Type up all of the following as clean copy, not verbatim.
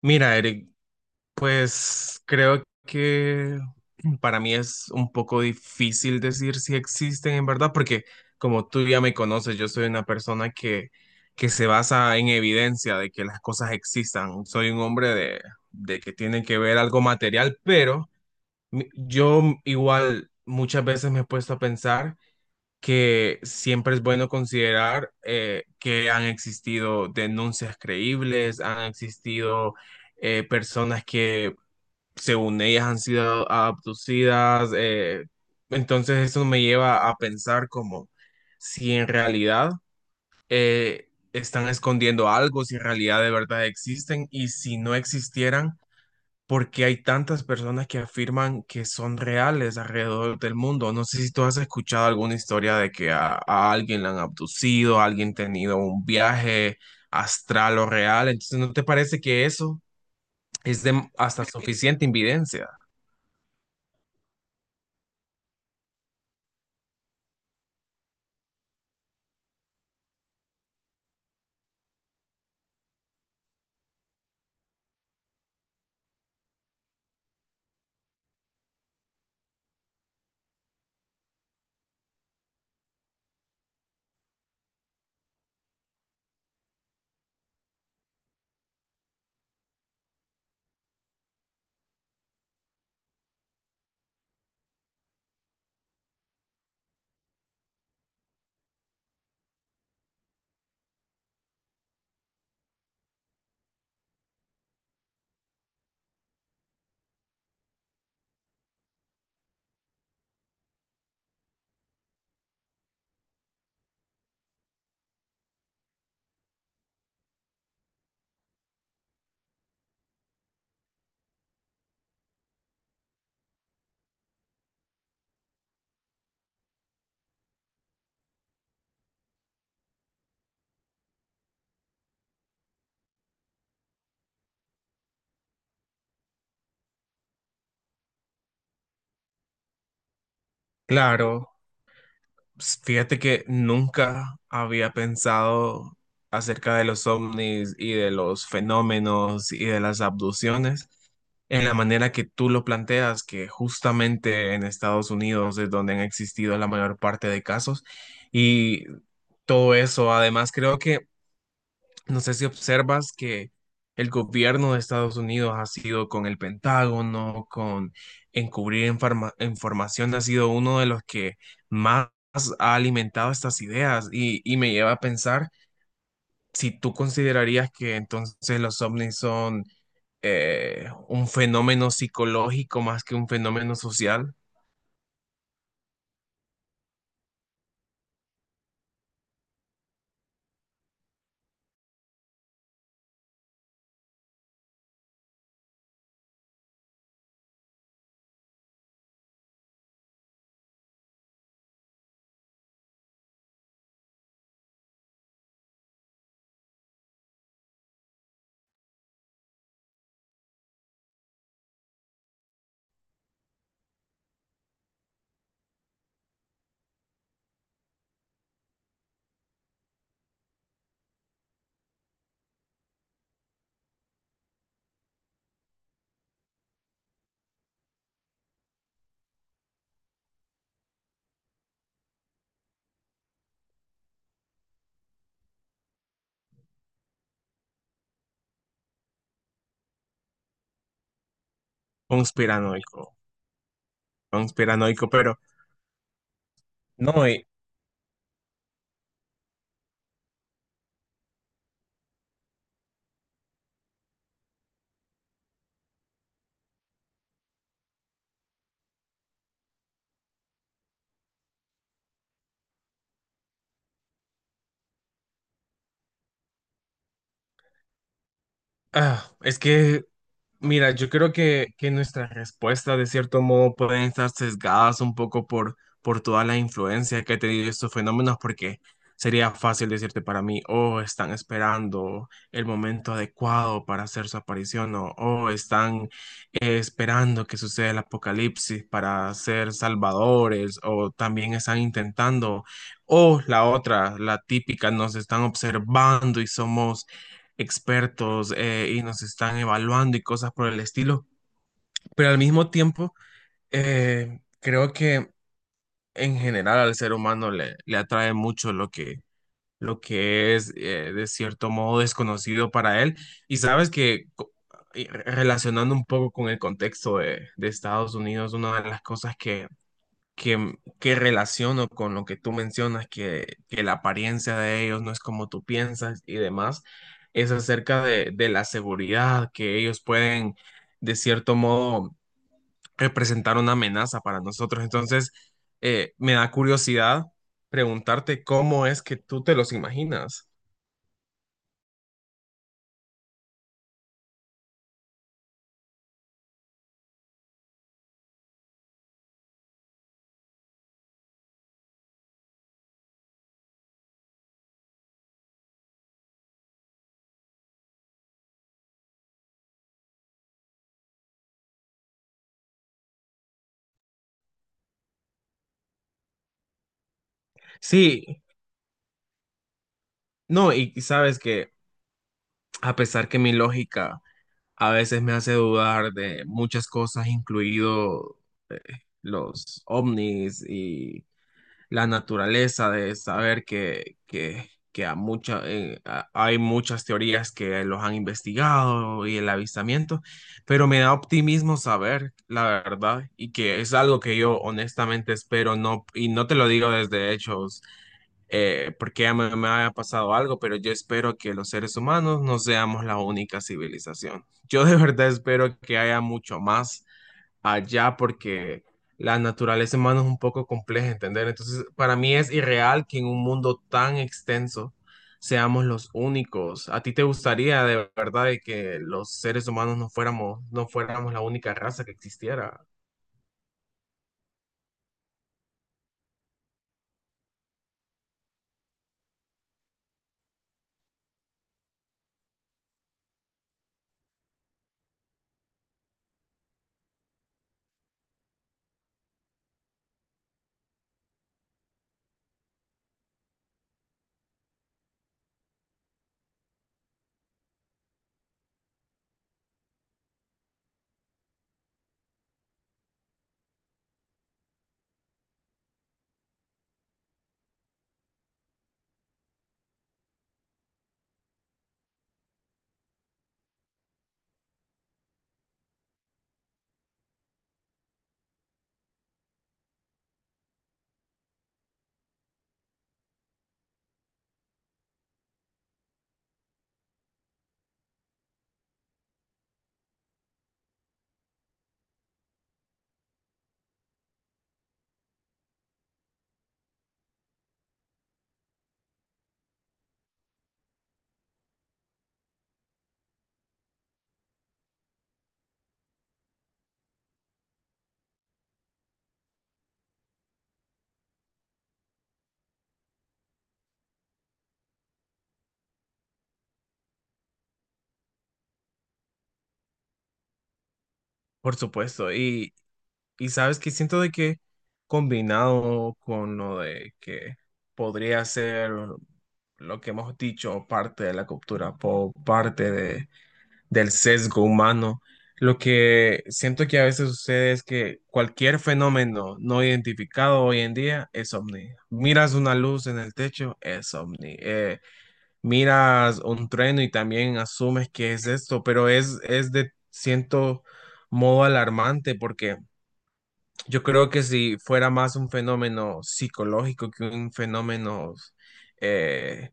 Mira, Eric, pues creo que para mí es un poco difícil decir si existen en verdad, porque como tú ya me conoces, yo soy una persona que se basa en evidencia de que las cosas existan. Soy un hombre de que tiene que ver algo material, pero yo igual muchas veces me he puesto a pensar que siempre es bueno considerar que han existido denuncias creíbles, han existido personas que según ellas han sido abducidas. Entonces eso me lleva a pensar como si en realidad están escondiendo algo, si en realidad de verdad existen y si no existieran porque hay tantas personas que afirman que son reales alrededor del mundo. No sé si tú has escuchado alguna historia de que a alguien la han abducido, a alguien tenido un viaje astral o real. Entonces, ¿no te parece que eso es de hasta suficiente evidencia? Claro. Fíjate que nunca había pensado acerca de los ovnis y de los fenómenos y de las abducciones en la manera que tú lo planteas, que justamente en Estados Unidos es donde han existido la mayor parte de casos y todo eso. Además, creo que no sé si observas que el gobierno de Estados Unidos ha sido con el Pentágono, con información, ha sido uno de los que más ha alimentado estas ideas y me lleva a pensar si tú considerarías que entonces los ovnis son un fenómeno psicológico más que un fenómeno social, conspiranoico, conspiranoico, pero no, ah, es que Mira, yo creo que nuestras respuestas de cierto modo pueden estar sesgadas un poco por toda la influencia que ha tenido estos fenómenos, porque sería fácil decirte para mí, oh, están esperando el momento adecuado para hacer su aparición, o oh, están esperando que suceda el apocalipsis para ser salvadores, o también están intentando, o la otra, la típica, nos están observando y somos expertos y nos están evaluando y cosas por el estilo, pero al mismo tiempo creo que en general al ser humano le atrae mucho lo lo que es de cierto modo desconocido para él y sabes que relacionando un poco con el contexto de Estados Unidos, una de las cosas que relaciono con lo que tú mencionas, que la apariencia de ellos no es como tú piensas y demás, es acerca de la seguridad, que ellos pueden, de cierto modo, representar una amenaza para nosotros. Entonces, me da curiosidad preguntarte cómo es que tú te los imaginas. Sí, no, y sabes que a pesar que mi lógica a veces me hace dudar de muchas cosas, incluido los ovnis y la naturaleza, de saber que a mucha, hay muchas teorías que los han investigado y el avistamiento, pero me da optimismo saber la verdad y que es algo que yo honestamente espero, no, y no te lo digo desde hechos porque ya me haya pasado algo, pero yo espero que los seres humanos no seamos la única civilización. Yo de verdad espero que haya mucho más allá porque la naturaleza humana es un poco compleja, ¿entender? Entonces, para mí es irreal que en un mundo tan extenso seamos los únicos. ¿A ti te gustaría de verdad de que los seres humanos no fuéramos la única raza que existiera? Por supuesto. Y sabes que siento de que combinado con lo de que podría ser lo que hemos dicho, parte de la cultura pop, parte de del sesgo humano. Lo que siento que a veces sucede es que cualquier fenómeno no identificado hoy en día es ovni. Miras una luz en el techo, es ovni. Miras un trueno y también asumes que es esto, pero es de cierto modo alarmante porque yo creo que si fuera más un fenómeno psicológico que un fenómeno eh,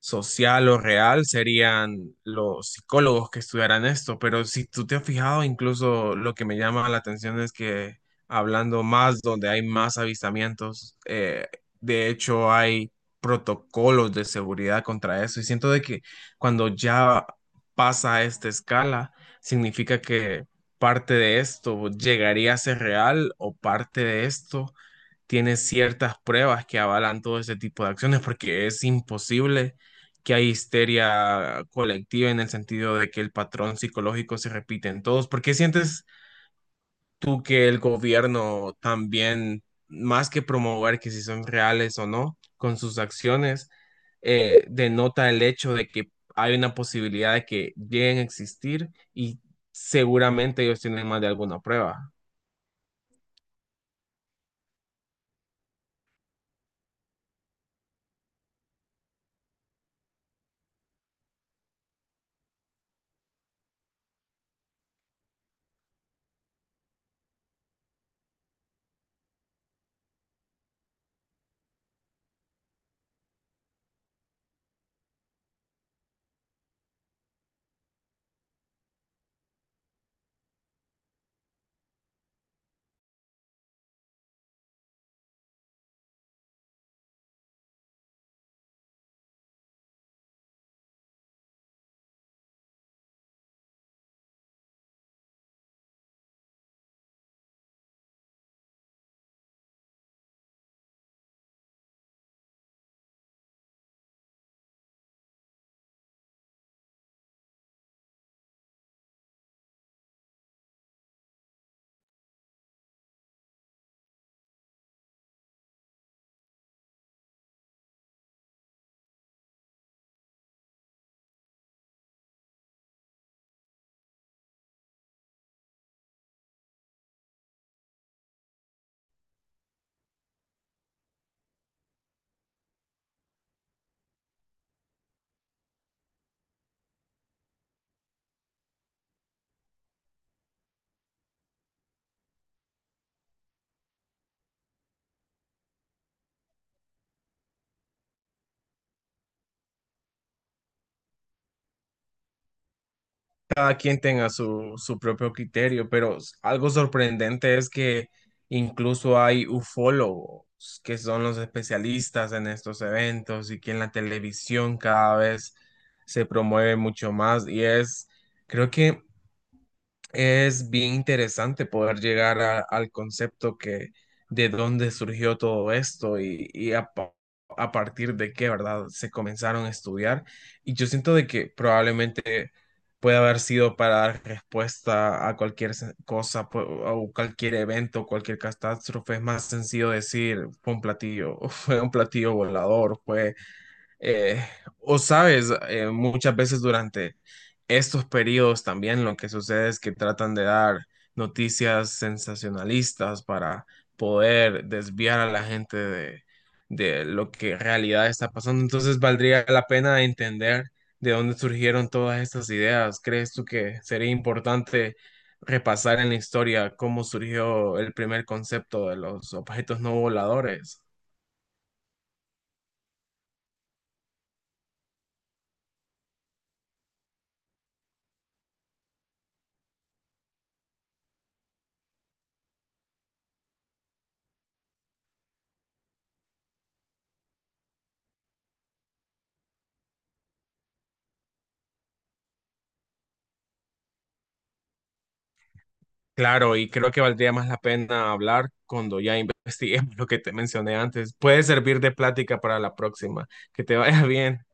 social o real, serían los psicólogos que estudiaran esto. Pero si tú te has fijado, incluso lo que me llama la atención es que hablando más donde hay más avistamientos, de hecho hay protocolos de seguridad contra eso. Y siento de que cuando ya pasa a esta escala, significa que parte de esto llegaría a ser real o parte de esto tiene ciertas pruebas que avalan todo ese tipo de acciones, porque es imposible que hay histeria colectiva en el sentido de que el patrón psicológico se repite en todos, porque sientes tú que el gobierno también, más que promover que si son reales o no, con sus acciones, denota el hecho de que hay una posibilidad de que lleguen a existir y seguramente ellos tienen más de alguna prueba. Cada quien tenga su propio criterio, pero algo sorprendente es que incluso hay ufólogos, que son los especialistas en estos eventos y que en la televisión cada vez se promueve mucho más creo que es bien interesante poder llegar al concepto que de dónde surgió todo esto y a partir de qué, ¿verdad? Se comenzaron a estudiar y yo siento de que probablemente puede haber sido para dar respuesta a cualquier cosa o cualquier evento, cualquier catástrofe. Es más sencillo decir, fue un platillo, fue un platillo volador, fue eh, o sabes, muchas veces durante estos periodos también lo que sucede es que tratan de dar noticias sensacionalistas para poder desviar a la gente de lo que en realidad está pasando. Entonces valdría la pena entender de dónde surgieron todas estas ideas. ¿Crees tú que sería importante repasar en la historia cómo surgió el primer concepto de los objetos no voladores? Claro, y creo que valdría más la pena hablar cuando ya investiguemos lo que te mencioné antes. Puede servir de plática para la próxima. Que te vaya bien.